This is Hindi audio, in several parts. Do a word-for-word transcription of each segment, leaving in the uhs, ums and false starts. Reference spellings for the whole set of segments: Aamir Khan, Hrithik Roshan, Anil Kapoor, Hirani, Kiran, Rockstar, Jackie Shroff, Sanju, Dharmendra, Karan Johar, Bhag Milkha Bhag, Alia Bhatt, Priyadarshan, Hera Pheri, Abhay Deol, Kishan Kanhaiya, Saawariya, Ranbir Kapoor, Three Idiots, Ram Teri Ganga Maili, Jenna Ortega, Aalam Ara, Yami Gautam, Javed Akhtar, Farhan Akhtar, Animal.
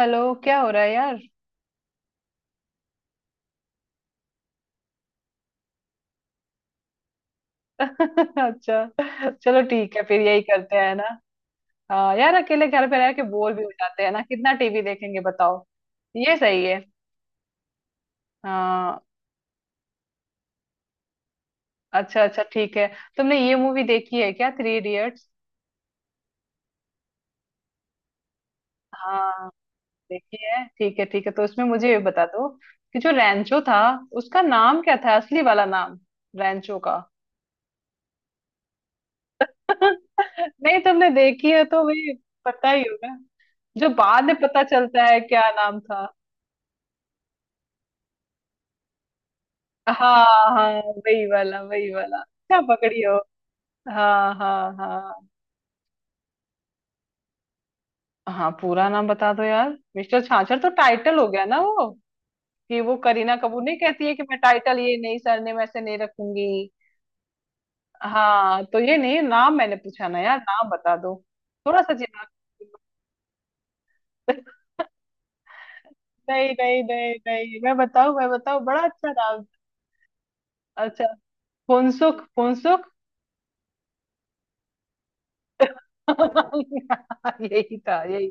हेलो, क्या हो रहा है यार? अच्छा चलो, ठीक है, फिर यही करते हैं ना। हाँ यार, अकेले घर पे रह के बोर भी हो जाते हैं ना, कितना टीवी देखेंगे बताओ। ये सही है। हाँ, अच्छा अच्छा ठीक है। तुमने ये मूवी देखी है क्या, थ्री इडियट्स? हाँ देखी है, ठीक है ठीक है। तो उसमें मुझे ये बता दो कि जो रैंचो था, उसका नाम क्या था, असली वाला नाम, रैंचो का। नहीं, तुमने देखी है तो भी पता ही होगा, जो बाद में पता चलता है, क्या नाम था। हाँ हाँ, वही वाला वही वाला, अच्छा पकड़ी हो। हाँ हाँ हाँ। हाँ, पूरा नाम बता दो यार। मिस्टर छाछर तो टाइटल हो गया ना वो, कि वो करीना कपूर नहीं कहती है कि मैं टाइटल, ये नहीं सरनेम ऐसे नहीं रखूंगी। हाँ तो ये नहीं, नाम मैंने पूछा ना यार, नाम बता दो। थोड़ा सा जिला। नहीं नहीं नहीं नहीं, मैं बताऊं मैं बताऊं, बड़ा अच्छा नाम था। अच्छा, फुनसुख फुनसुख। यही था यही।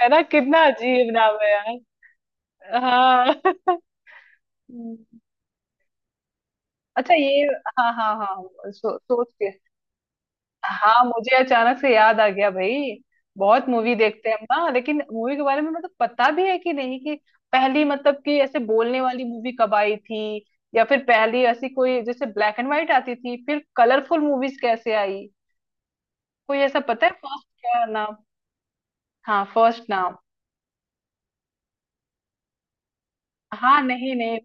है ना, कितना अजीब नाम है यार। हाँ। हम्म। अच्छा ये। हाँ हाँ हाँ, सो, सोच के। हाँ, मुझे अचानक से याद आ गया भाई। बहुत मूवी देखते हैं हम ना, लेकिन मूवी के बारे में मतलब पता भी है कि नहीं, कि पहली, मतलब कि ऐसे बोलने वाली मूवी कब आई थी, या फिर पहली ऐसी कोई, जैसे ब्लैक एंड व्हाइट आती थी, फिर कलरफुल मूवीज कैसे आई। कोई ऐसा पता है फर्स्ट क्या नाम। हाँ, फर्स्ट नाम। हाँ नहीं नहीं,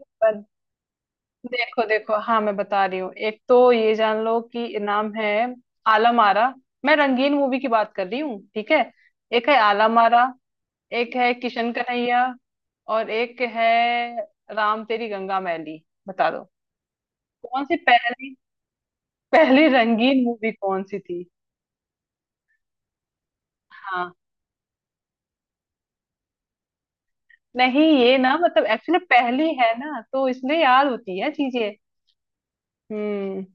देखो देखो, हाँ मैं बता रही हूँ, एक तो ये जान लो कि नाम है आलम आरा। मैं रंगीन मूवी की बात कर रही हूँ, ठीक है। एक है आलम आरा, एक है किशन कन्हैया, और एक है राम तेरी गंगा मैली, बता दो कौन सी पहली। पहली रंगीन मूवी कौन सी थी। हाँ, नहीं ये ना मतलब एक्चुअली पहली है ना, तो इसलिए याद होती है चीजें। हम्म।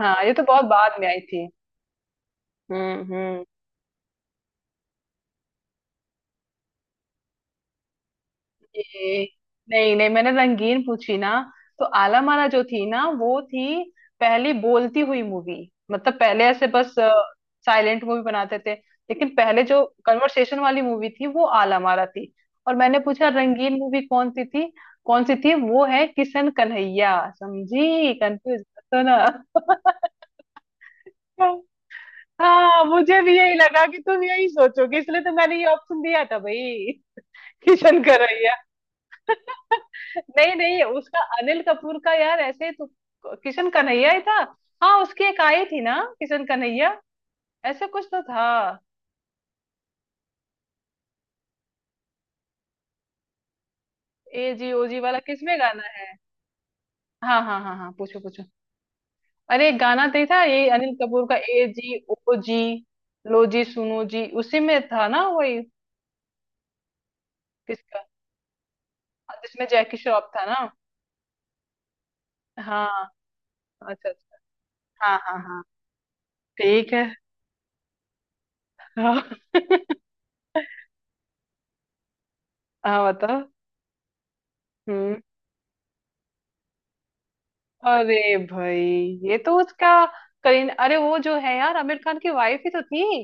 हाँ, ये तो बहुत बाद में आई थी। हम्म हम्म। ये नहीं नहीं, मैंने रंगीन पूछी ना। तो आला माला जो थी ना, वो थी पहली बोलती हुई मूवी। मतलब पहले ऐसे बस साइलेंट मूवी बनाते थे, लेकिन पहले जो कन्वर्सेशन वाली मूवी थी, वो आला माला थी। और मैंने पूछा, रंगीन मूवी कौन सी थी, कौन सी थी? वो है किशन कन्हैया, समझी कंफ्यूज तो ना। हाँ, मुझे भी यही लगा कि तुम यही सोचोगे, इसलिए तो मैंने ये ऑप्शन दिया था भाई। किशन कन्हैया। नहीं नहीं, उसका अनिल कपूर का यार, ऐसे तो किशन कन्हैया ही था। हाँ, उसकी एक आई थी ना किशन कन्हैया, ऐसे कुछ तो था। ए जी ओ जी वाला किसमें गाना है। हाँ हाँ हाँ हाँ, पूछो पूछो। अरे एक गाना तो ही था, ये अनिल कपूर का ए जी ओ जी, लो जी सुनो जी, उसी में था ना वही। किसका, जिसमें जैकी श्रॉफ था ना। हाँ, अच्छा अच्छा। हाँ हाँ हाँ, ठीक है। हाँ हाँ बताओ। हम्म। अरे भाई, ये तो उसका करीन, अरे वो जो है यार, आमिर खान की वाइफ ही तो थी,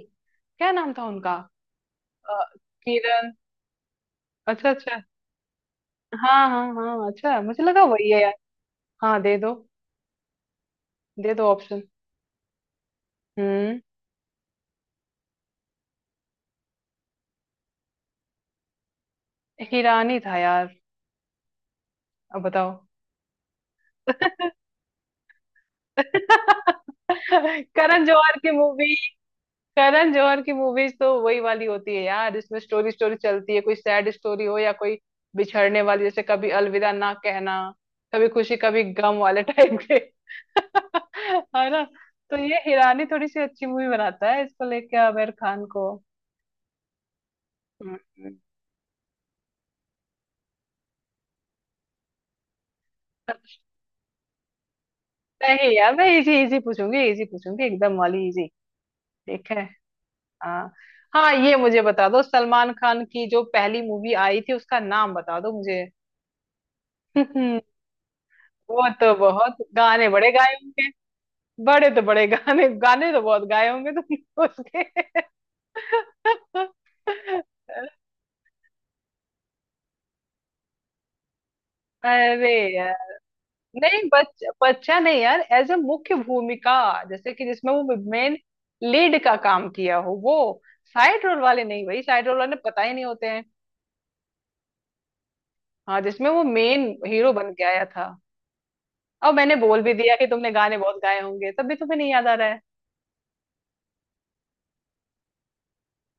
क्या नाम था उनका। अ, किरण। अच्छा अच्छा। हाँ हाँ हाँ, अच्छा मुझे लगा वही है यार। हाँ दे दो, दे दो ऑप्शन। हम्म। हीरानी था यार, अब बताओ। करण जौहर की मूवी, करण जौहर की मूवीज तो वही वाली होती है यार, इसमें स्टोरी स्टोरी चलती है, कोई सैड स्टोरी हो या कोई बिछड़ने वाली, जैसे कभी अलविदा ना कहना, कभी खुशी कभी गम वाले टाइप के। है ना। तो ये हिरानी थोड़ी सी अच्छी मूवी बनाता है, इसको लेके आमिर खान को। हम्म, हम्म। नहीं यार, मैं इजी इजी पूछूंगी, इजी पूछूंगी एकदम वाली इजी। ठीक है। हाँ हाँ, ये मुझे बता दो, सलमान खान की जो पहली मूवी आई थी, उसका नाम बता दो मुझे। वो तो बहुत गाने बड़े गाए होंगे। बड़े तो बड़े, गाने गाने तो बहुत गाए होंगे तुमने उसके। अरे यार, नहीं बच, बच्चा नहीं यार, एज ए मुख्य भूमिका, जैसे कि जिसमें वो मेन लीड का काम किया हो वो। साइड रोल वाले नहीं भाई, साइड रोल वाले पता ही नहीं होते हैं। हाँ, जिसमें वो मेन हीरो बन के आया था। और मैंने बोल भी दिया कि तुमने गाने बहुत गाए होंगे, तब भी तुम्हें नहीं याद आ रहा है।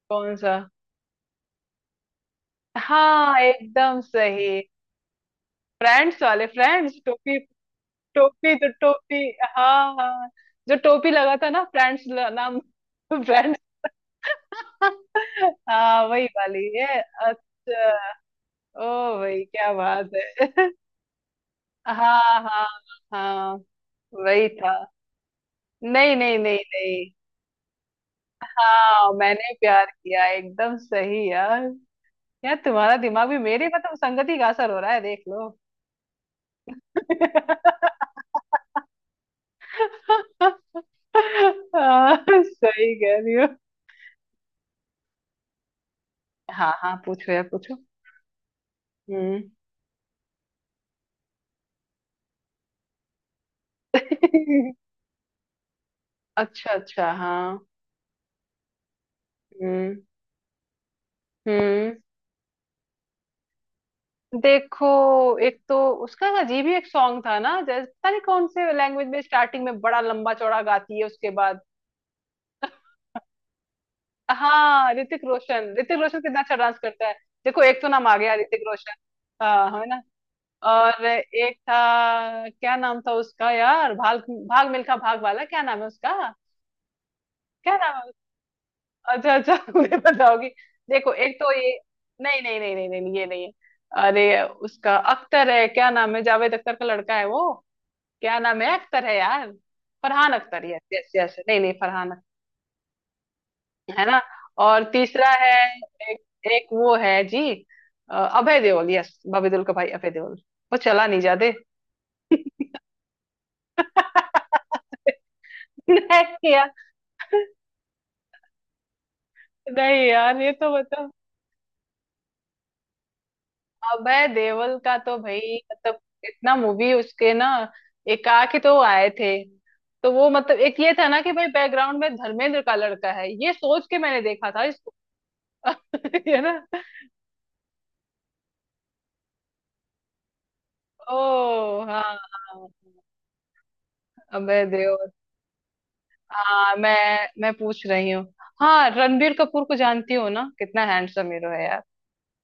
कौन सा। हाँ एकदम सही। फ्रेंड्स वाले, फ्रेंड्स टोपी। टोपी तो टोपी। हाँ हाँ, जो टोपी लगा था ना फ्रेंड्स, नाम फ्रेंड्स। हाँ, वही वाली है, अच्छा। ओ, भाई क्या बात है। हाँ हाँ हाँ, वही था। नहीं नहीं नहीं नहीं। हाँ मैंने प्यार किया, एकदम सही यार। यार तुम्हारा दिमाग भी मेरे मतलब संगति का असर हो रहा है, देख लो। हाँ, सही कह रही। हाँ हाँ पूछो यार पूछो। हम्म। अच्छा अच्छा हाँ। हम्म हम्म। देखो एक तो उसका अजीब ही एक सॉन्ग था ना, जैसे पता नहीं कौन से लैंग्वेज में स्टार्टिंग में बड़ा लंबा चौड़ा गाती है उसके बाद। हाँ ऋतिक रोशन, ऋतिक रोशन कितना अच्छा डांस करता है। देखो एक तो नाम आ गया, ऋतिक रोशन। हाँ है ना। और एक था, क्या नाम था उसका यार, भाग भाग मिल्खा भाग वाला, क्या नाम है उसका। क्या नाम है। अच्छा अच्छा। मुझे बताओगी। देखो एक तो ये। नहीं नहीं नहीं नहीं नहीं, ये नहीं है। अरे उसका अख्तर है, क्या नाम है, जावेद अख्तर का लड़का है वो। क्या नाम है, अख्तर है यार। Farhan Akhtar, yes yes yes, नहीं नहीं फरहान अख्तर। है ना। और तीसरा है, एक, एक वो है जी। अ, अभय देओल, यस, बॉबी देओल का भाई अभय देओल। वो चला नहीं जाते। नहीं यार। नहीं यार ये तो बताओ, अभय देवल का तो भाई मतलब इतना मूवी उसके ना, एकाकी तो आए थे। तो वो मतलब एक ये था ना कि भाई बैकग्राउंड में धर्मेंद्र का लड़का है, ये सोच के मैंने देखा था इसको। है ना। ओ हाँ हाँ। अभय देओल। हाँ मैं मैं पूछ रही हूँ। हाँ, रणबीर कपूर को जानती हो ना, कितना हैंडसम हीरो है यार।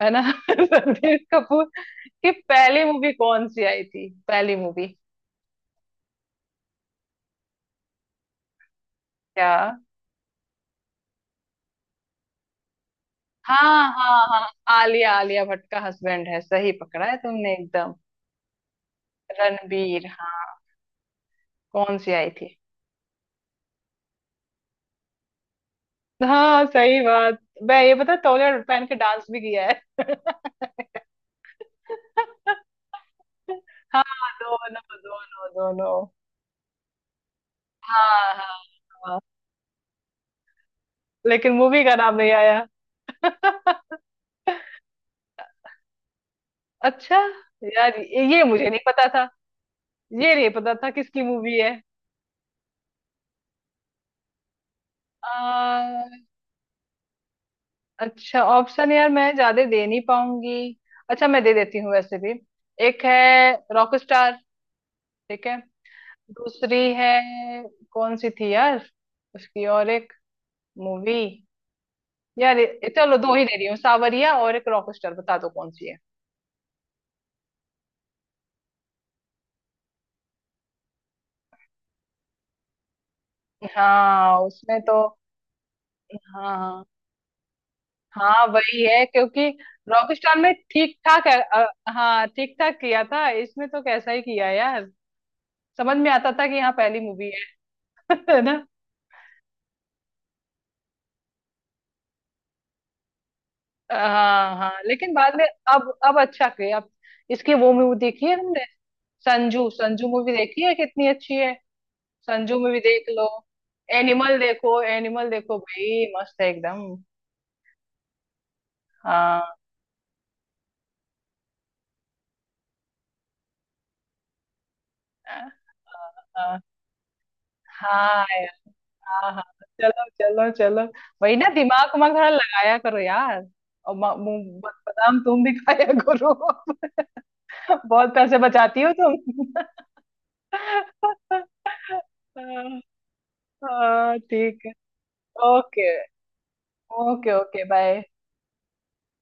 है ना। रणबीर कपूर की पहली मूवी कौन सी आई थी, पहली मूवी। क्या। हाँ हाँ हाँ, आलिया, आलिया भट्ट का हस्बैंड है, सही पकड़ा है तुमने एकदम। रणबीर, हाँ। कौन सी आई थी। हाँ सही बात। मैं ये पता, तौलिया पहन के डांस भी किया है। हाँ, दोनों दोनों दोनों। हाँ हाँ हाँ, लेकिन मूवी का नाम नहीं आया। अच्छा। यार ये मुझे नहीं पता था, ये नहीं पता था किसकी मूवी है। आ, अच्छा ऑप्शन यार, मैं ज्यादा दे नहीं पाऊंगी। अच्छा मैं दे देती हूँ वैसे भी। एक है रॉक स्टार, ठीक है। दूसरी है कौन सी थी यार उसकी, और एक मूवी, यार ये- चलो दो ही दे रही हूँ, सावरिया और एक रॉक स्टार, बता दो कौन सी है। हाँ, उसमें तो। हाँ हाँ हाँ वही है क्योंकि रॉक स्टार में ठीक ठाक है, अ, हाँ ठीक ठाक किया था, इसमें तो कैसा ही किया यार। समझ में आता था कि हाँ पहली मूवी है। है ना। हाँ हाँ लेकिन बाद में, अब अब अच्छा किए अब। इसकी वो मूवी देखी है तुमने, संजू, संजू मूवी देखी है, कितनी अच्छी है। संजू मूवी देख लो। एनिमल देखो, एनिमल देखो भाई, मस्त है एकदम। हाँ हाँ हाँ। हाँ यार, हाँ हाँ। चलो चलो चलो। वही ना, दिमाग उमाग थोड़ा लगाया करो यार। और म- मुंह- बादाम तुम भी खाया करो। बहुत पैसे बचाती हो तुम। हाँ, हाँ, ठीक। Okay okay okay bye.